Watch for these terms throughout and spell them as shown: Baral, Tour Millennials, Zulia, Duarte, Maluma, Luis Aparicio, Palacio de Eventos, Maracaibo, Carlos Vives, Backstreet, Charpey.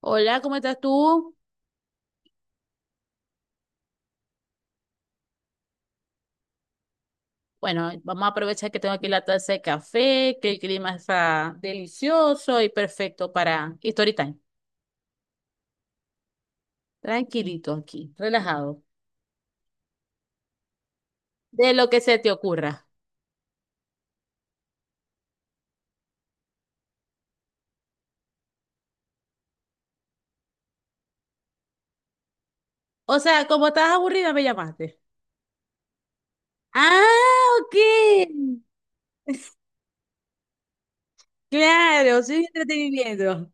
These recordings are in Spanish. Hola, ¿cómo estás tú? Bueno, vamos a aprovechar que tengo aquí la taza de café, que el clima está delicioso y perfecto para y story time. Tranquilito aquí, relajado, de lo que se te ocurra. O sea, como estás aburrida, me llamaste. Ah, ok. Claro, soy entretenimiento.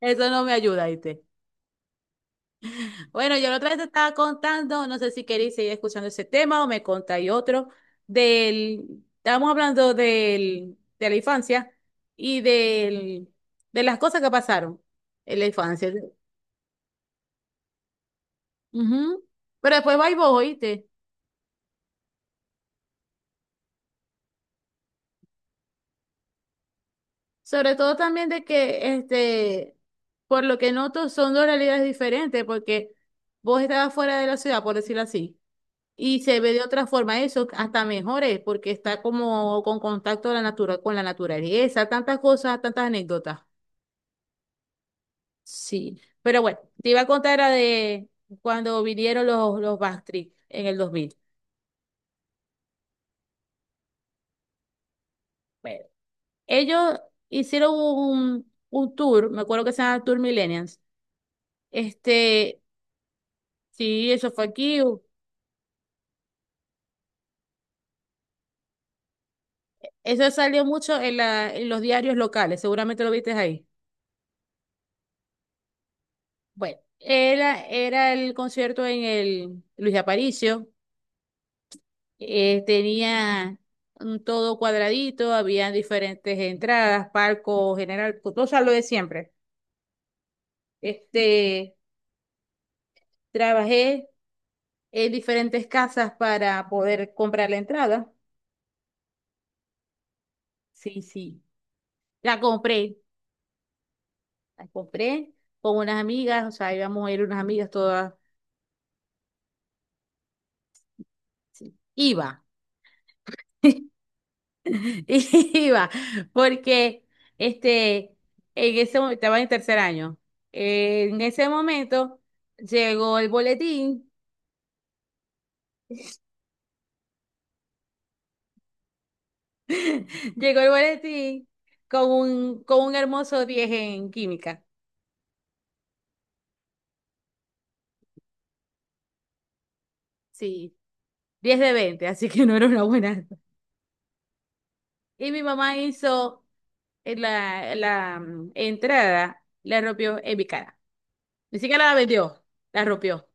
Eso no me ayuda, ¿viste? Bueno, yo la otra vez te estaba contando, no sé si queréis seguir escuchando ese tema o me contáis otro, estábamos hablando de la infancia y de las cosas que pasaron en la infancia. Ujú. Pero después vais vos, oíste. Sobre todo también de que, por lo que noto, son dos realidades diferentes, porque vos estabas fuera de la ciudad, por decirlo así. Y se ve de otra forma eso, hasta mejor es, porque está como con contacto a la natura, con la naturaleza, tantas cosas, tantas anécdotas. Sí. Pero bueno, te iba a contar la de cuando vinieron los Backstreet en el 2000. Bueno, ellos hicieron un tour, me acuerdo que se llama Tour Millennials. Este, sí, eso fue aquí. Eso salió mucho en los diarios locales, seguramente lo viste ahí. Bueno, era el concierto en el Luis Aparicio. Tenía un todo cuadradito, había diferentes entradas, palco, general, todo lo de siempre. Este, trabajé en diferentes casas para poder comprar la entrada. Sí, sí. La compré, la compré con unas amigas, o sea, íbamos a ir unas amigas todas. Iba, iba, porque este, en ese momento, estaba en 3er año. En ese momento llegó el boletín. Llegó el boletín con con un hermoso 10 en química. Sí, 10 de 20, así que no era una buena. Y mi mamá hizo en la entrada, la rompió en mi cara. Ni siquiera la vendió, la rompió.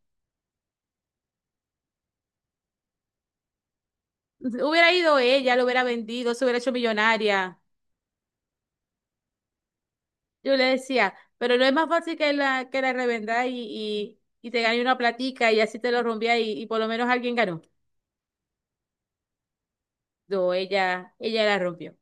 Hubiera ido ella, lo hubiera vendido, se hubiera hecho millonaria. Yo le decía, pero no es más fácil que la revenda y te gane una platica y así te lo rompía y por lo menos alguien ganó. No, ella la rompió.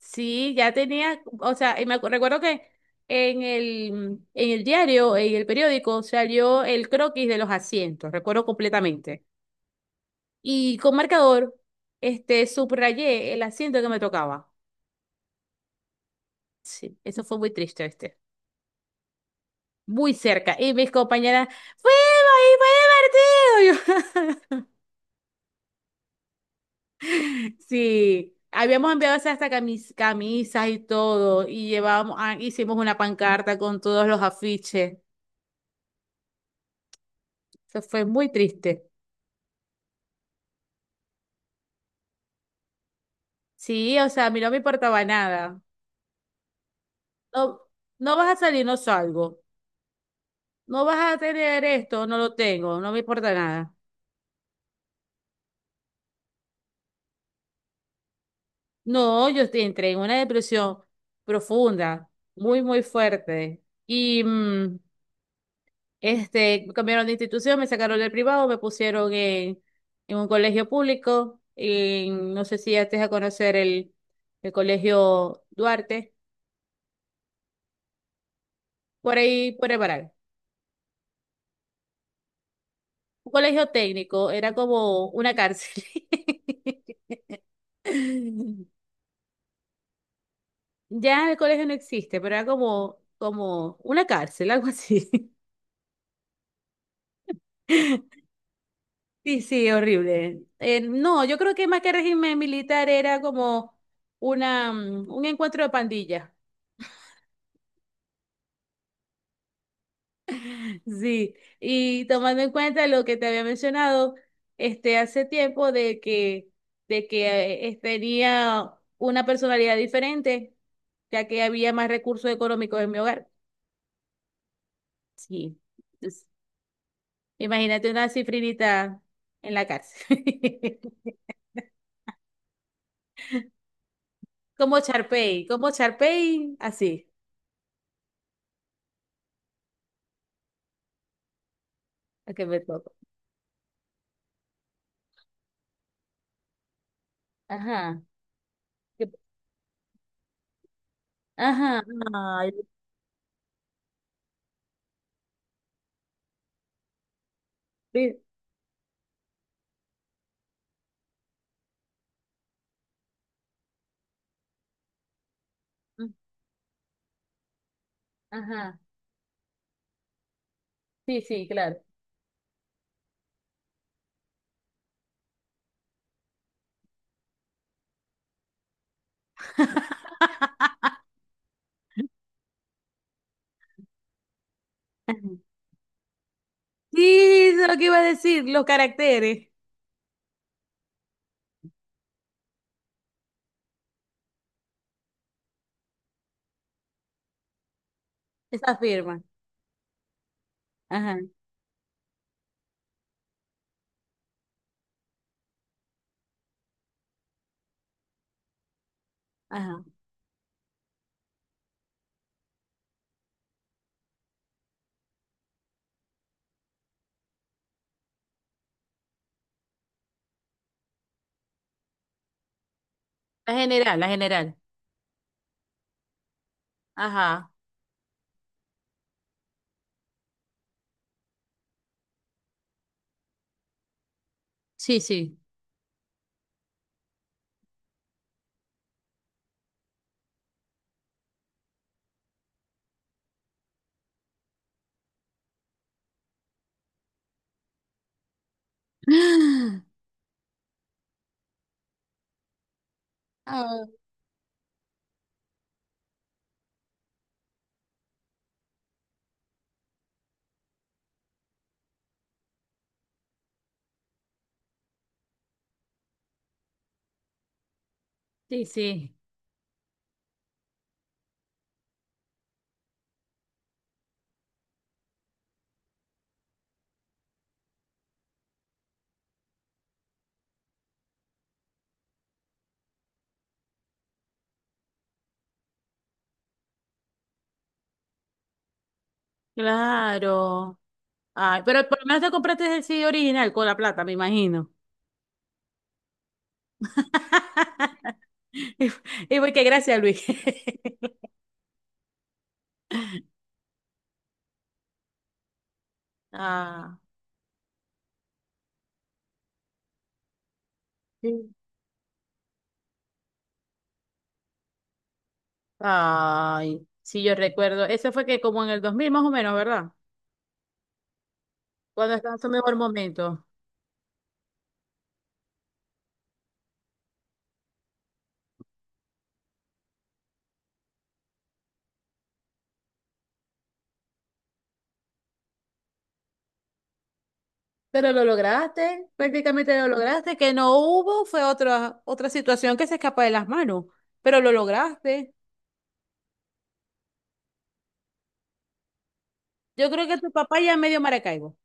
Sí, ya tenía, o sea, y me recuerdo que en en el diario, en el periódico, salió el croquis de los asientos, recuerdo completamente. Y con marcador, subrayé el asiento que me tocaba. Sí, eso fue muy triste, este. Muy cerca. Y mis compañeras, ¡fuimos! ¡Y fue divertido! Y yo, sí, habíamos enviado hasta camisas y todo, y llevábamos, ah, hicimos una pancarta con todos los afiches. Eso fue muy triste. Sí, o sea, a mí no me importaba nada. No, no vas a salir, no salgo. No vas a tener esto, no lo tengo, no me importa nada. No, yo entré en una depresión profunda, muy, muy fuerte. Y me cambiaron de institución, me sacaron del privado, me pusieron en un colegio público. No sé si ya estés a conocer el colegio Duarte, por ahí, por el Baral. Un colegio técnico, era como una cárcel. Ya el colegio no existe, pero era como, como una cárcel, algo así. Sí, sí, horrible. No, yo creo que más que régimen militar era como un encuentro de pandillas. Sí, y tomando en cuenta lo que te había mencionado, hace tiempo de que tenía una personalidad diferente, ya que había más recursos económicos en mi hogar. Sí. Imagínate una cifrinita en la cárcel. Como Charpey, así, a que me toco. Ajá, que- ajá, ay, sí, mm, ajá, sí, sí, claro. Sí, eso es lo que iba a decir, los caracteres, esa firma. Ajá, ajá. La general, la general. Ajá, sí, sí. Ah, sí, sí. Claro. Ay, pero por lo menos te compraste el CD original con la plata, me imagino. Y, y voy que gracias, Luis. Ah, sí. Ay, sí, yo recuerdo. Eso fue que como en el 2000, más o menos, ¿verdad? Cuando estaba en su mejor momento. Pero lo lograste, prácticamente lo lograste. Que no hubo fue otra situación que se escapa de las manos, pero lo lograste. Yo creo que tu papá ya es medio Maracaibo.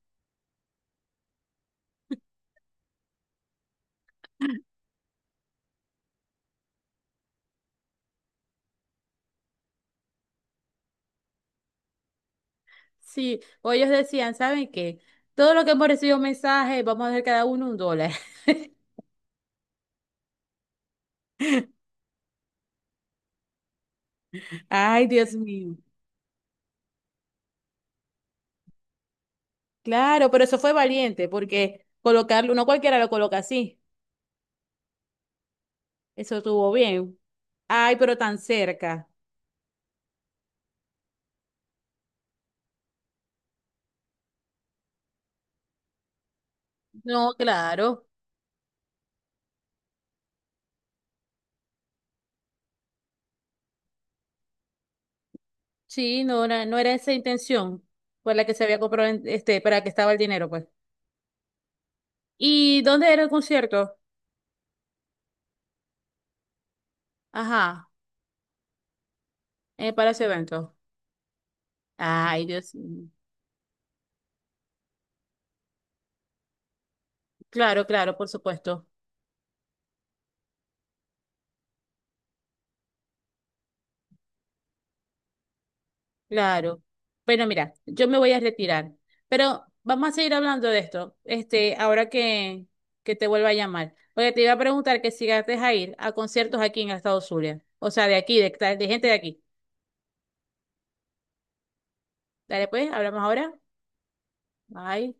Sí, o ellos decían, ¿saben qué? Todo lo que hemos recibido mensajes, vamos a dar cada uno $1. Ay, Dios mío. Claro, pero eso fue valiente, porque colocarlo, no cualquiera lo coloca así. Eso estuvo bien. Ay, pero tan cerca. No, claro. Sí, no era esa intención por la que se había comprado, para que estaba el dinero, pues. ¿Y dónde era el concierto? Ajá, en el Palacio de Eventos. Ay, Dios mío. Claro, claro, por supuesto. Claro. Bueno, mira, yo me voy a retirar, pero vamos a seguir hablando de esto, ahora que te vuelva a llamar. Porque te iba a preguntar que si llegaste a ir a conciertos aquí en el estado Zulia, o sea, de gente de aquí. Dale, pues, hablamos ahora. Bye.